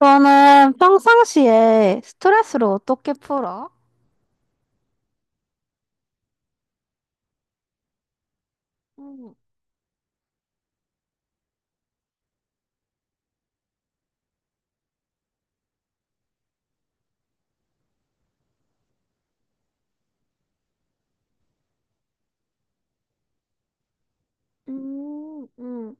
너는 평상시에 스트레스를 어떻게 풀어? 음, 음, 음,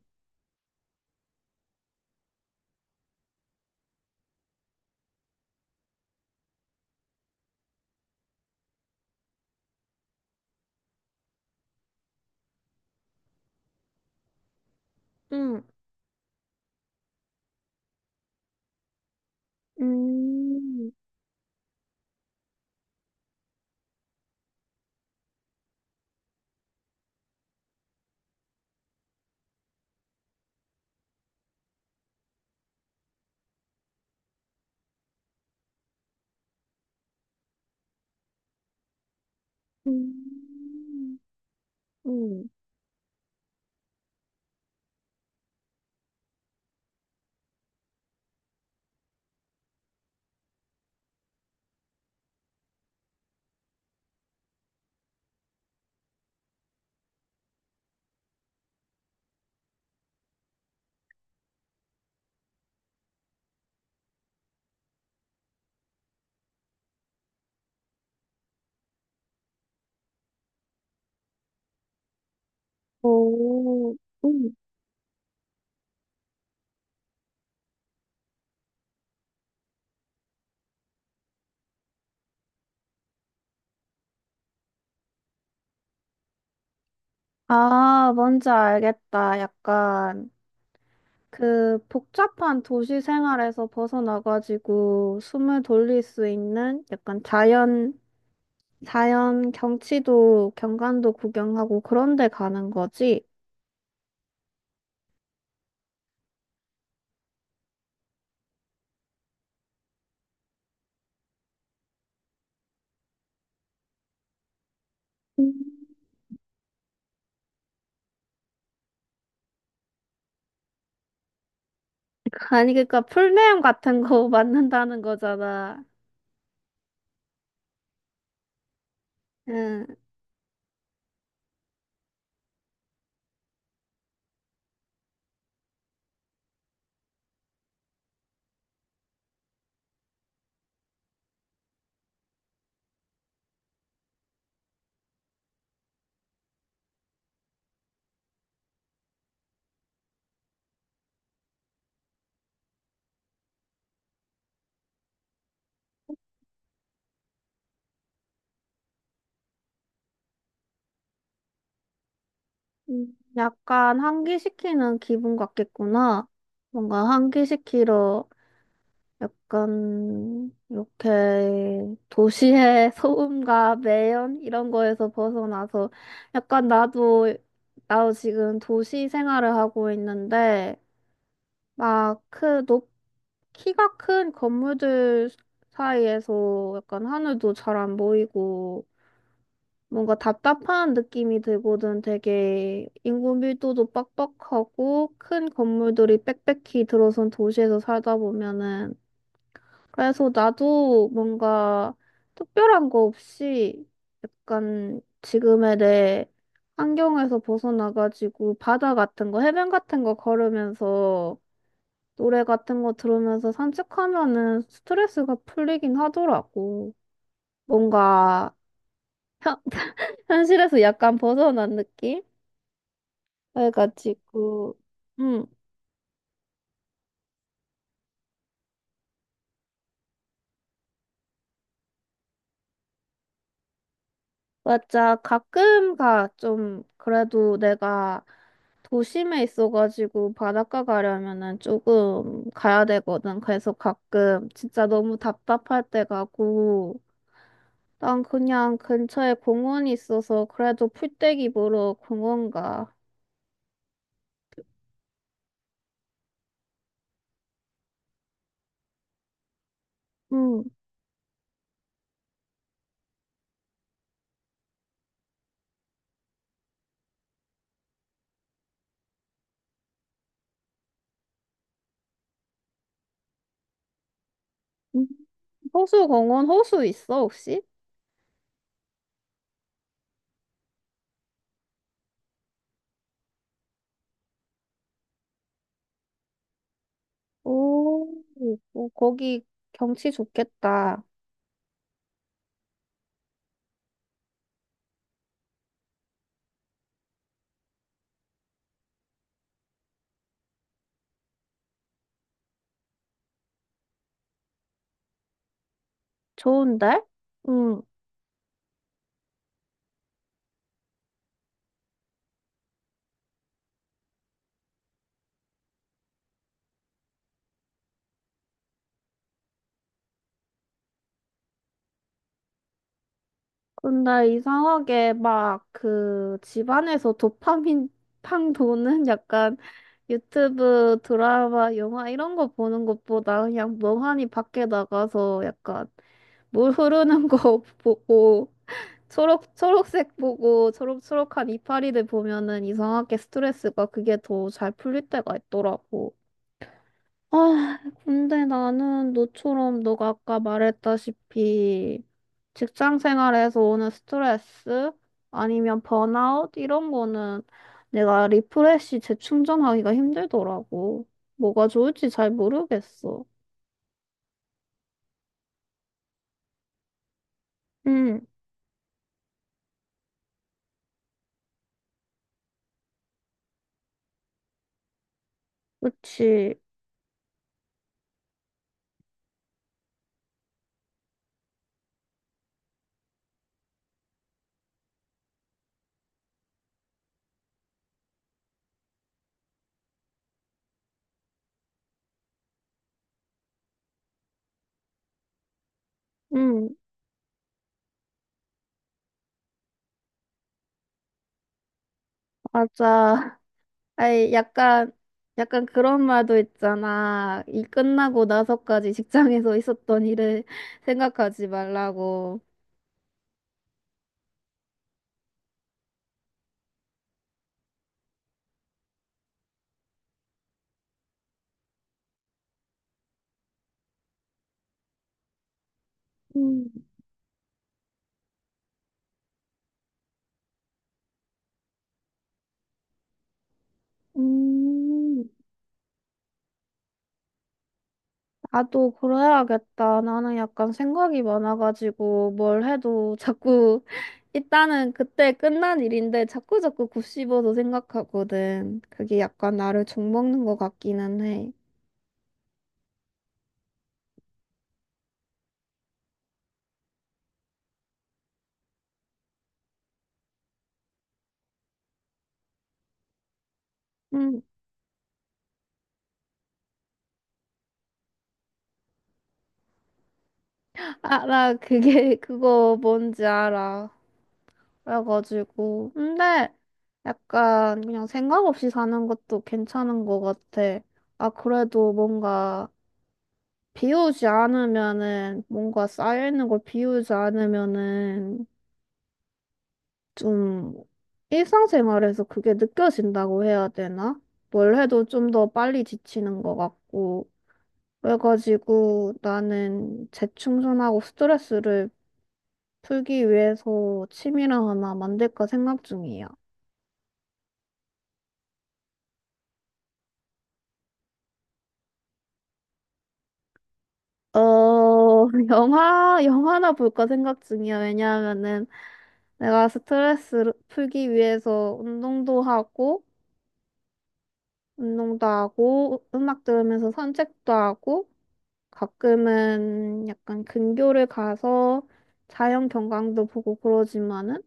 음, 음, 음, 음, 오, 음. 아, 뭔지 알겠다. 약간 그 복잡한 도시 생활에서 벗어나가지고 숨을 돌릴 수 있는 약간 자연 경치도, 경관도 구경하고 그런 데 가는 거지? 아니, 그러니까 풀네임 같은 거 만든다는 거잖아. 응. 약간 환기시키는 기분 같겠구나. 뭔가 환기시키러 약간 이렇게 도시의 소음과 매연 이런 거에서 벗어나서 약간 나도 지금 도시 생활을 하고 있는데 막 그 높 키가 큰 건물들 사이에서 약간 하늘도 잘 안 보이고 뭔가 답답한 느낌이 들거든. 되게 인구 밀도도 빡빡하고 큰 건물들이 빽빽히 들어선 도시에서 살다 보면은. 그래서 나도 뭔가 특별한 거 없이 약간 지금의 내 환경에서 벗어나가지고 바다 같은 거, 해변 같은 거 걸으면서 노래 같은 거 들으면서 산책하면은 스트레스가 풀리긴 하더라고. 뭔가 현, 현실에서 약간 벗어난 느낌? 그래가지고. 음. 맞아. 가끔가 좀, 그래도 내가 도심에 있어가지고 바닷가 가려면은 조금 가야 되거든. 그래서 가끔 진짜 너무 답답할 때 가고, 난 그냥 근처에 공원이 있어서 그래도 풀떼기 보러 공원 가. 응. 음. 호수 공원, 호수 있어, 혹시? 오, 오, 거기 경치 좋겠다. 좋은데? 응. 근데 이상하게 막 그 집안에서 도파민 팡 도는 약간 유튜브 드라마, 영화 이런 거 보는 것보다 그냥 멍하니 밖에 나가서 약간 물 흐르는 거 보고 초록색 보고 초록초록한 이파리들 보면은 이상하게 스트레스가 그게 더 잘 풀릴 때가 있더라고. 아, 근데 나는 너처럼 너가 아까 말했다시피 직장 생활에서 오는 스트레스 아니면 번아웃 이런 거는 내가 리프레시 재충전하기가 힘들더라고. 뭐가 좋을지 잘 모르겠어. 응, 그치. 응, 맞아. 아이, 약간 그런 말도 있잖아. 이 끝나고 나서까지 직장에서 있었던 일을 생각하지 말라고. 응. 음, 나도 그래야겠다. 나는 약간 생각이 많아가지고 뭘 해도 자꾸 일단은 그때 끝난 일인데 자꾸 자꾸 곱씹어서 생각하거든. 그게 약간 나를 종먹는 것 같기는 해. 음, 아, 나 그게 그거 뭔지 알아. 그래가지고 근데 약간 그냥 생각 없이 사는 것도 괜찮은 것 같아. 아, 그래도 뭔가 비우지 않으면은 뭔가 쌓여있는 걸 비우지 않으면은 좀 일상생활에서 그게 느껴진다고 해야 되나? 뭘 해도 좀 더 빨리 지치는 것 같고 그래가지고 나는 재충전하고 스트레스를 풀기 위해서 취미를 하나 만들까 생각 중이야. 어, 영화나 볼까 생각 중이야. 왜냐하면은 내가 스트레스 풀기 위해서 운동도 하고, 음악 들으면서 산책도 하고, 가끔은 약간 근교를 가서 자연 경관도 보고 그러지만은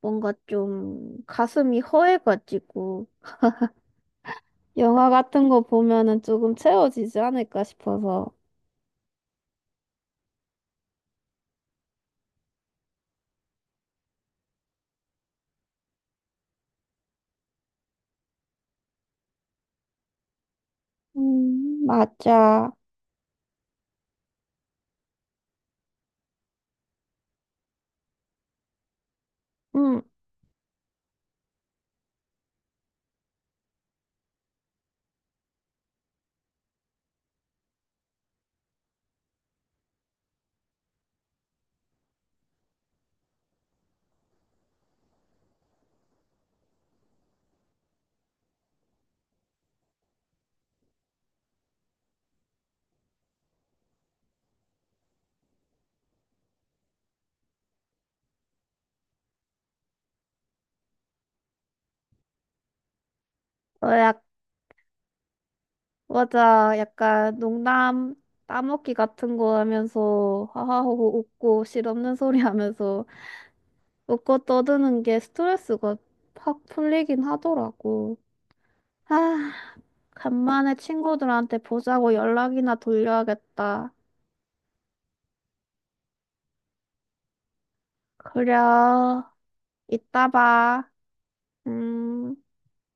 뭔가 좀 가슴이 허해가지고 영화 같은 거 보면은 조금 채워지지 않을까 싶어서. 맞아. 음, 어, 맞아. 약간 농담 따먹기 같은 거 하면서 하하호호 웃고 실없는 소리 하면서 웃고 떠드는 게 스트레스가 확 풀리긴 하더라고. 아, 간만에 친구들한테 보자고 연락이나 돌려야겠다. 그래, 이따 봐. 음.